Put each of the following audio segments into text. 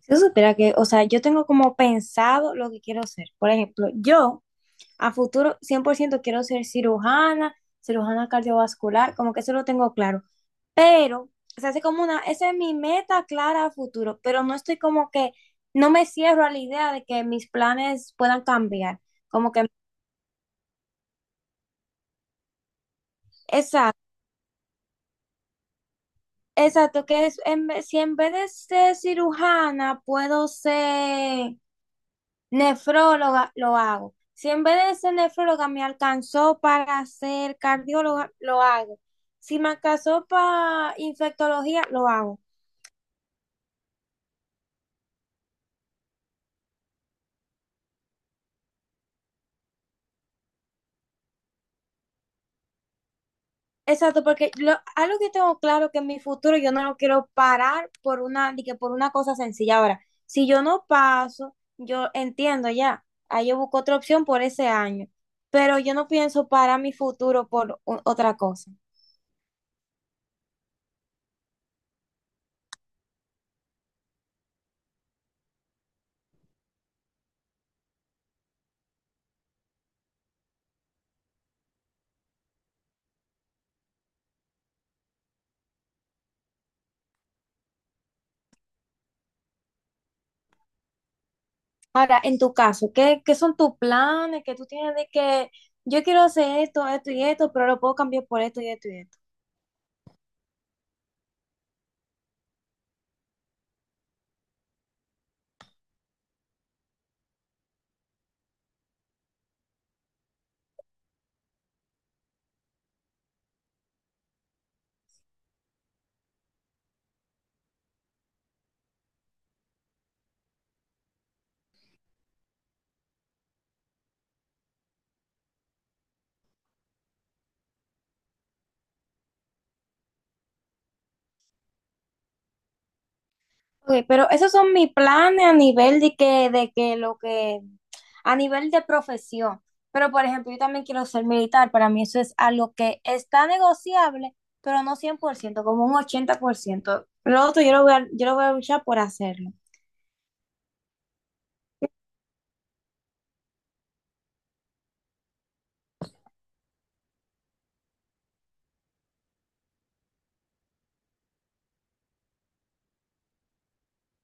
Si tú supieras que, o sea, yo tengo como pensado lo que quiero ser. Por ejemplo, yo a futuro 100% quiero ser cirujana, cirujana cardiovascular, como que eso lo tengo claro. Pero, o sea, es como esa es mi meta clara a futuro, pero no estoy como que, no me cierro a la idea de que mis planes puedan cambiar. Como que, exacto, exacto, que es, en, vez- si en vez de ser cirujana puedo ser nefróloga lo hago. Si en vez de ser nefróloga me alcanzó para ser cardióloga, lo hago. Si me alcanzó para infectología, lo hago. Exacto, algo que tengo claro que en mi futuro yo no lo quiero parar por una, de que por una cosa sencilla. Ahora, si yo no paso, yo entiendo ya. Ahí yo busco otra opción por ese año. Pero yo no pienso parar mi futuro por otra cosa. Ahora, en tu caso, ¿qué son tus planes? ¿Que tú tienes de que yo quiero hacer esto, esto y esto, pero lo puedo cambiar por esto y esto y esto? Ok, pero esos son mis planes a nivel de que lo que, a nivel de profesión. Pero, por ejemplo, yo también quiero ser militar. Para mí eso es algo que está negociable, pero no 100%, como un 80%. Lo otro yo lo voy a luchar por hacerlo.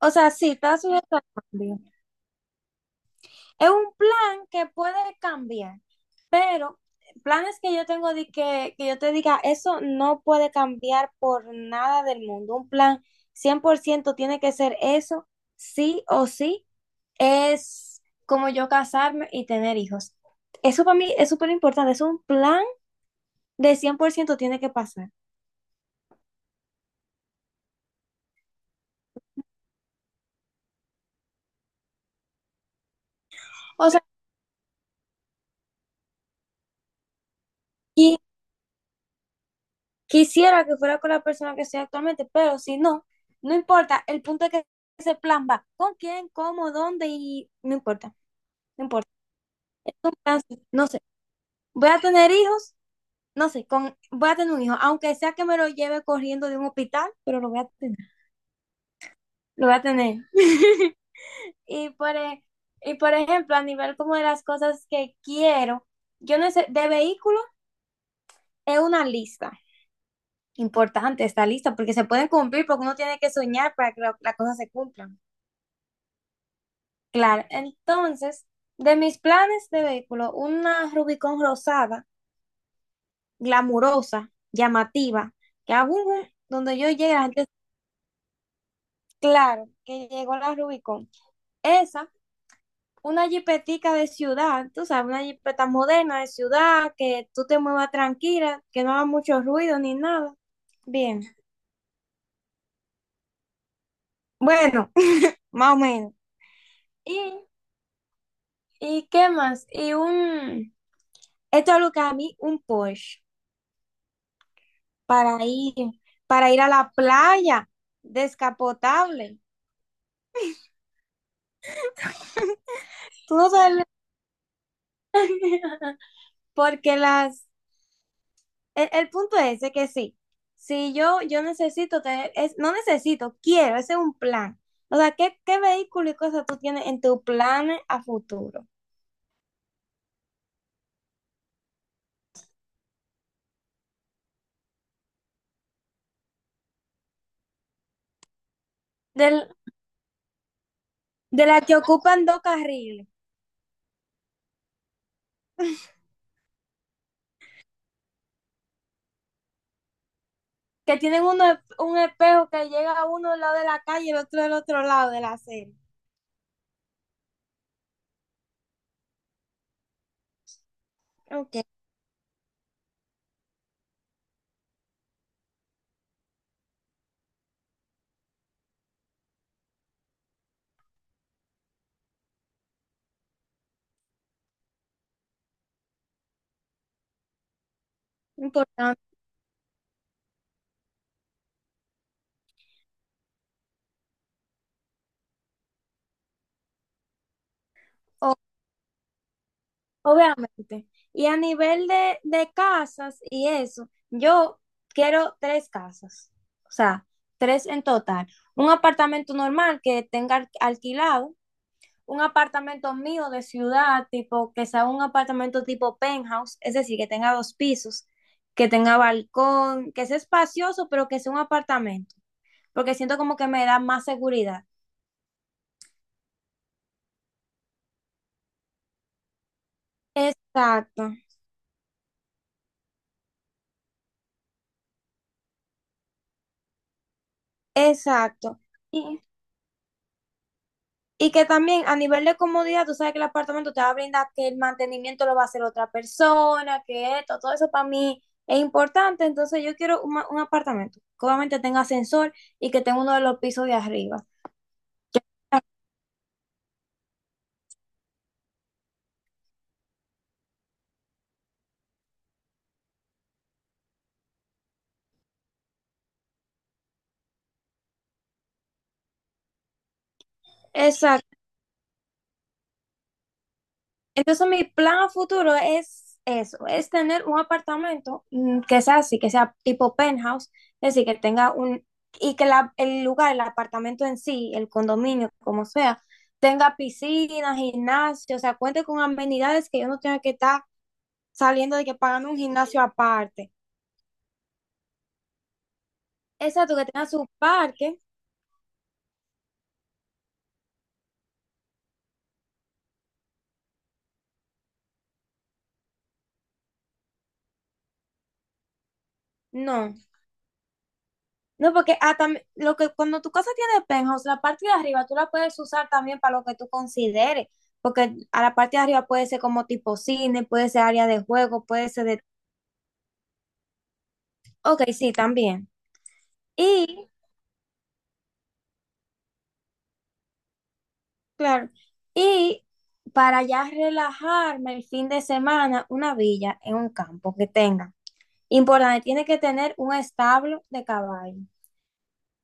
O sea, sí, está sujeto a cambio. Es un plan que puede cambiar, pero planes que yo tengo que yo te diga, eso no puede cambiar por nada del mundo. Un plan 100% tiene que ser eso, sí o sí, es como yo casarme y tener hijos. Eso para mí es súper importante, es un plan de 100% tiene que pasar. O sea, qui- quisiera que fuera con la persona que estoy actualmente, pero si no, no importa. El punto es que ese plan va con quién, cómo, dónde y no importa, no importa. Es un plan, no sé. Voy a tener hijos, no sé, voy a tener un hijo, aunque sea que me lo lleve corriendo de un hospital, pero lo voy a tener, lo voy a tener. Y por, e- y por ejemplo, a nivel como de las cosas que quiero, yo no sé, de vehículo es una lista. Importante esta lista porque se pueden cumplir, porque uno tiene que soñar para que las cosas se cumplan. Claro, entonces, de mis planes de vehículo, una Rubicon rosada, glamurosa, llamativa, que aún donde yo llegue la gente. Claro, que llegó la Rubicon. Esa, una jipetica de ciudad, tú sabes, una jipeta moderna de ciudad, que tú te muevas tranquila, que no haga mucho ruido ni nada. Bien, bueno, más o menos. ¿Y, y qué más? Y esto es lo que a mí, un Porsche, para ir, para ir a la playa, descapotable. Tú no sabes, porque las, el punto es de que sí, si yo, yo necesito tener, no necesito, quiero, ese es un plan. O sea, ¿qué vehículo y cosas tú tienes en tu plan a futuro? Del, de las que ocupan dos carriles, que tienen un espejo que llega a uno del lado de la calle y el otro del otro lado de la acera. Ok, importante. Obviamente. Y a nivel de casas y eso, yo quiero tres casas, o sea, tres en total. Un apartamento normal que tenga alquilado, un apartamento mío de ciudad, tipo que sea un apartamento tipo penthouse, es decir, que tenga dos pisos, que tenga balcón, que sea espacioso, pero que sea un apartamento, porque siento como que me da más seguridad. Exacto, exacto. Y que también a nivel de comodidad, tú sabes que el apartamento te va a brindar que el mantenimiento lo va a hacer otra persona, que esto, todo eso para mí es importante. Entonces yo quiero un apartamento que obviamente tenga ascensor y que tenga uno de los pisos de arriba. Exacto. Entonces, mi plan a futuro es eso, es tener un apartamento que sea así, que sea tipo penthouse, es decir, y que el lugar, el apartamento en sí, el condominio, como sea, tenga piscina, gimnasio, o sea, cuente con amenidades que yo no tenga que estar saliendo de que pagando un gimnasio aparte. Exacto, que tenga su parque, no. No, porque cuando tu casa tiene penthouse, la parte de arriba tú la puedes usar también para lo que tú consideres. Porque a la parte de arriba puede ser como tipo cine, puede ser área de juego, puede ser de... Ok, sí, también. Y, claro, y para ya relajarme el fin de semana, una villa en un campo que tenga. Importante, tiene que tener un establo de caballo.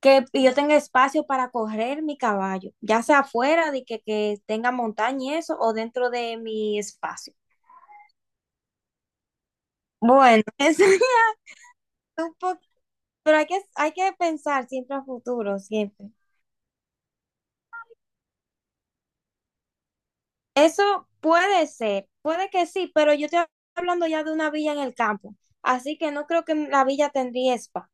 Que yo tenga espacio para correr mi caballo, ya sea afuera de que tenga montaña y eso, o dentro de mi espacio. Bueno, eso es un poco, pero hay que pensar siempre a futuro, siempre. Eso puede ser, puede que sí, pero yo estoy hablando ya de una villa en el campo, así que no creo que la villa tendría spa.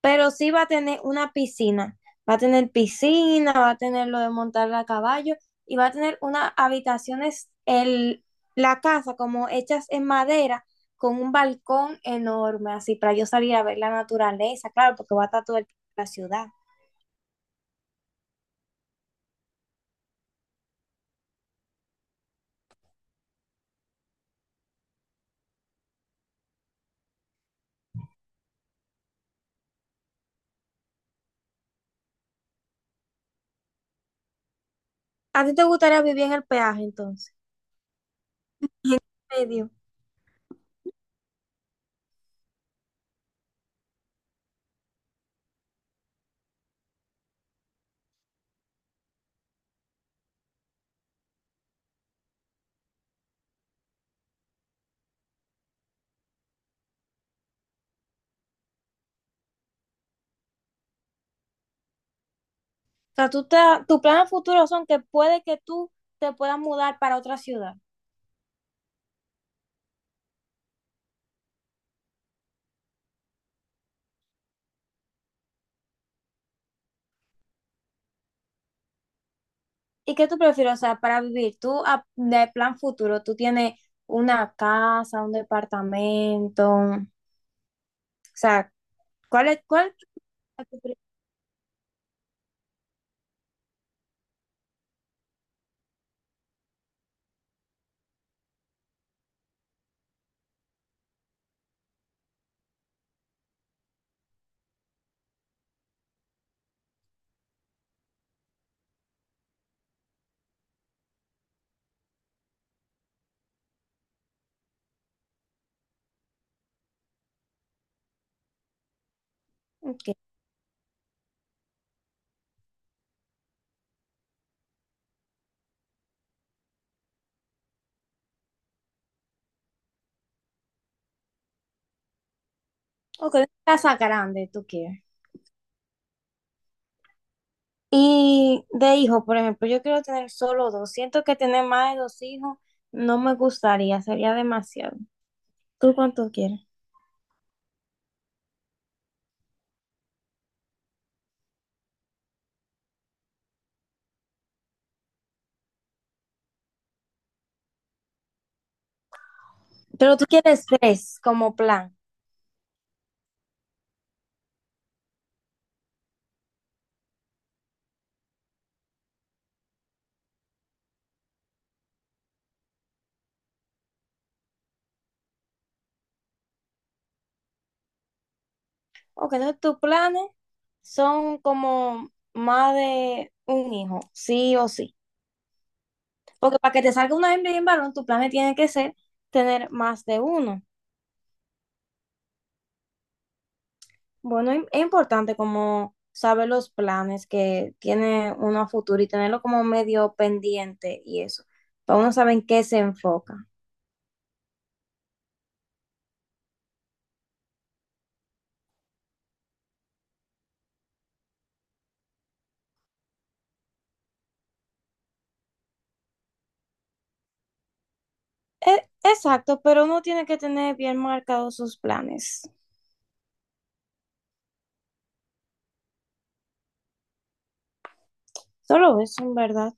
Pero sí va a tener una piscina. Va a tener piscina, va a tener lo de montar a caballo y va a tener unas habitaciones, la casa como hechas en madera con un balcón enorme, así para yo salir a ver la naturaleza, claro, porque va a estar toda la ciudad. ¿A ti te gustaría vivir en el peaje entonces? En medio. O sea, tus planes futuros son que puede que tú te puedas mudar para otra ciudad. ¿Y qué tú prefieres, o sea, para vivir? Tú, de plan futuro, tú tienes una casa, un departamento, o sea, cuál es tu pri- ok, ok, ¿una casa grande tú quieres? Y de hijo, por ejemplo, yo quiero tener solo dos. Siento que tener más de dos hijos no me gustaría, sería demasiado. ¿Tú cuánto quieres? Pero tú quieres tres como plan. Ok, entonces tus planes son como más de un hijo, sí o sí. Porque para que te salga una hembra y un varón, tu plan tiene que ser tener más de uno. Bueno, es importante como saber los planes que tiene uno a futuro y tenerlo como medio pendiente y eso, para uno saber en qué se enfoca. Exacto, pero uno tiene que tener bien marcados sus planes. Solo eso, en verdad.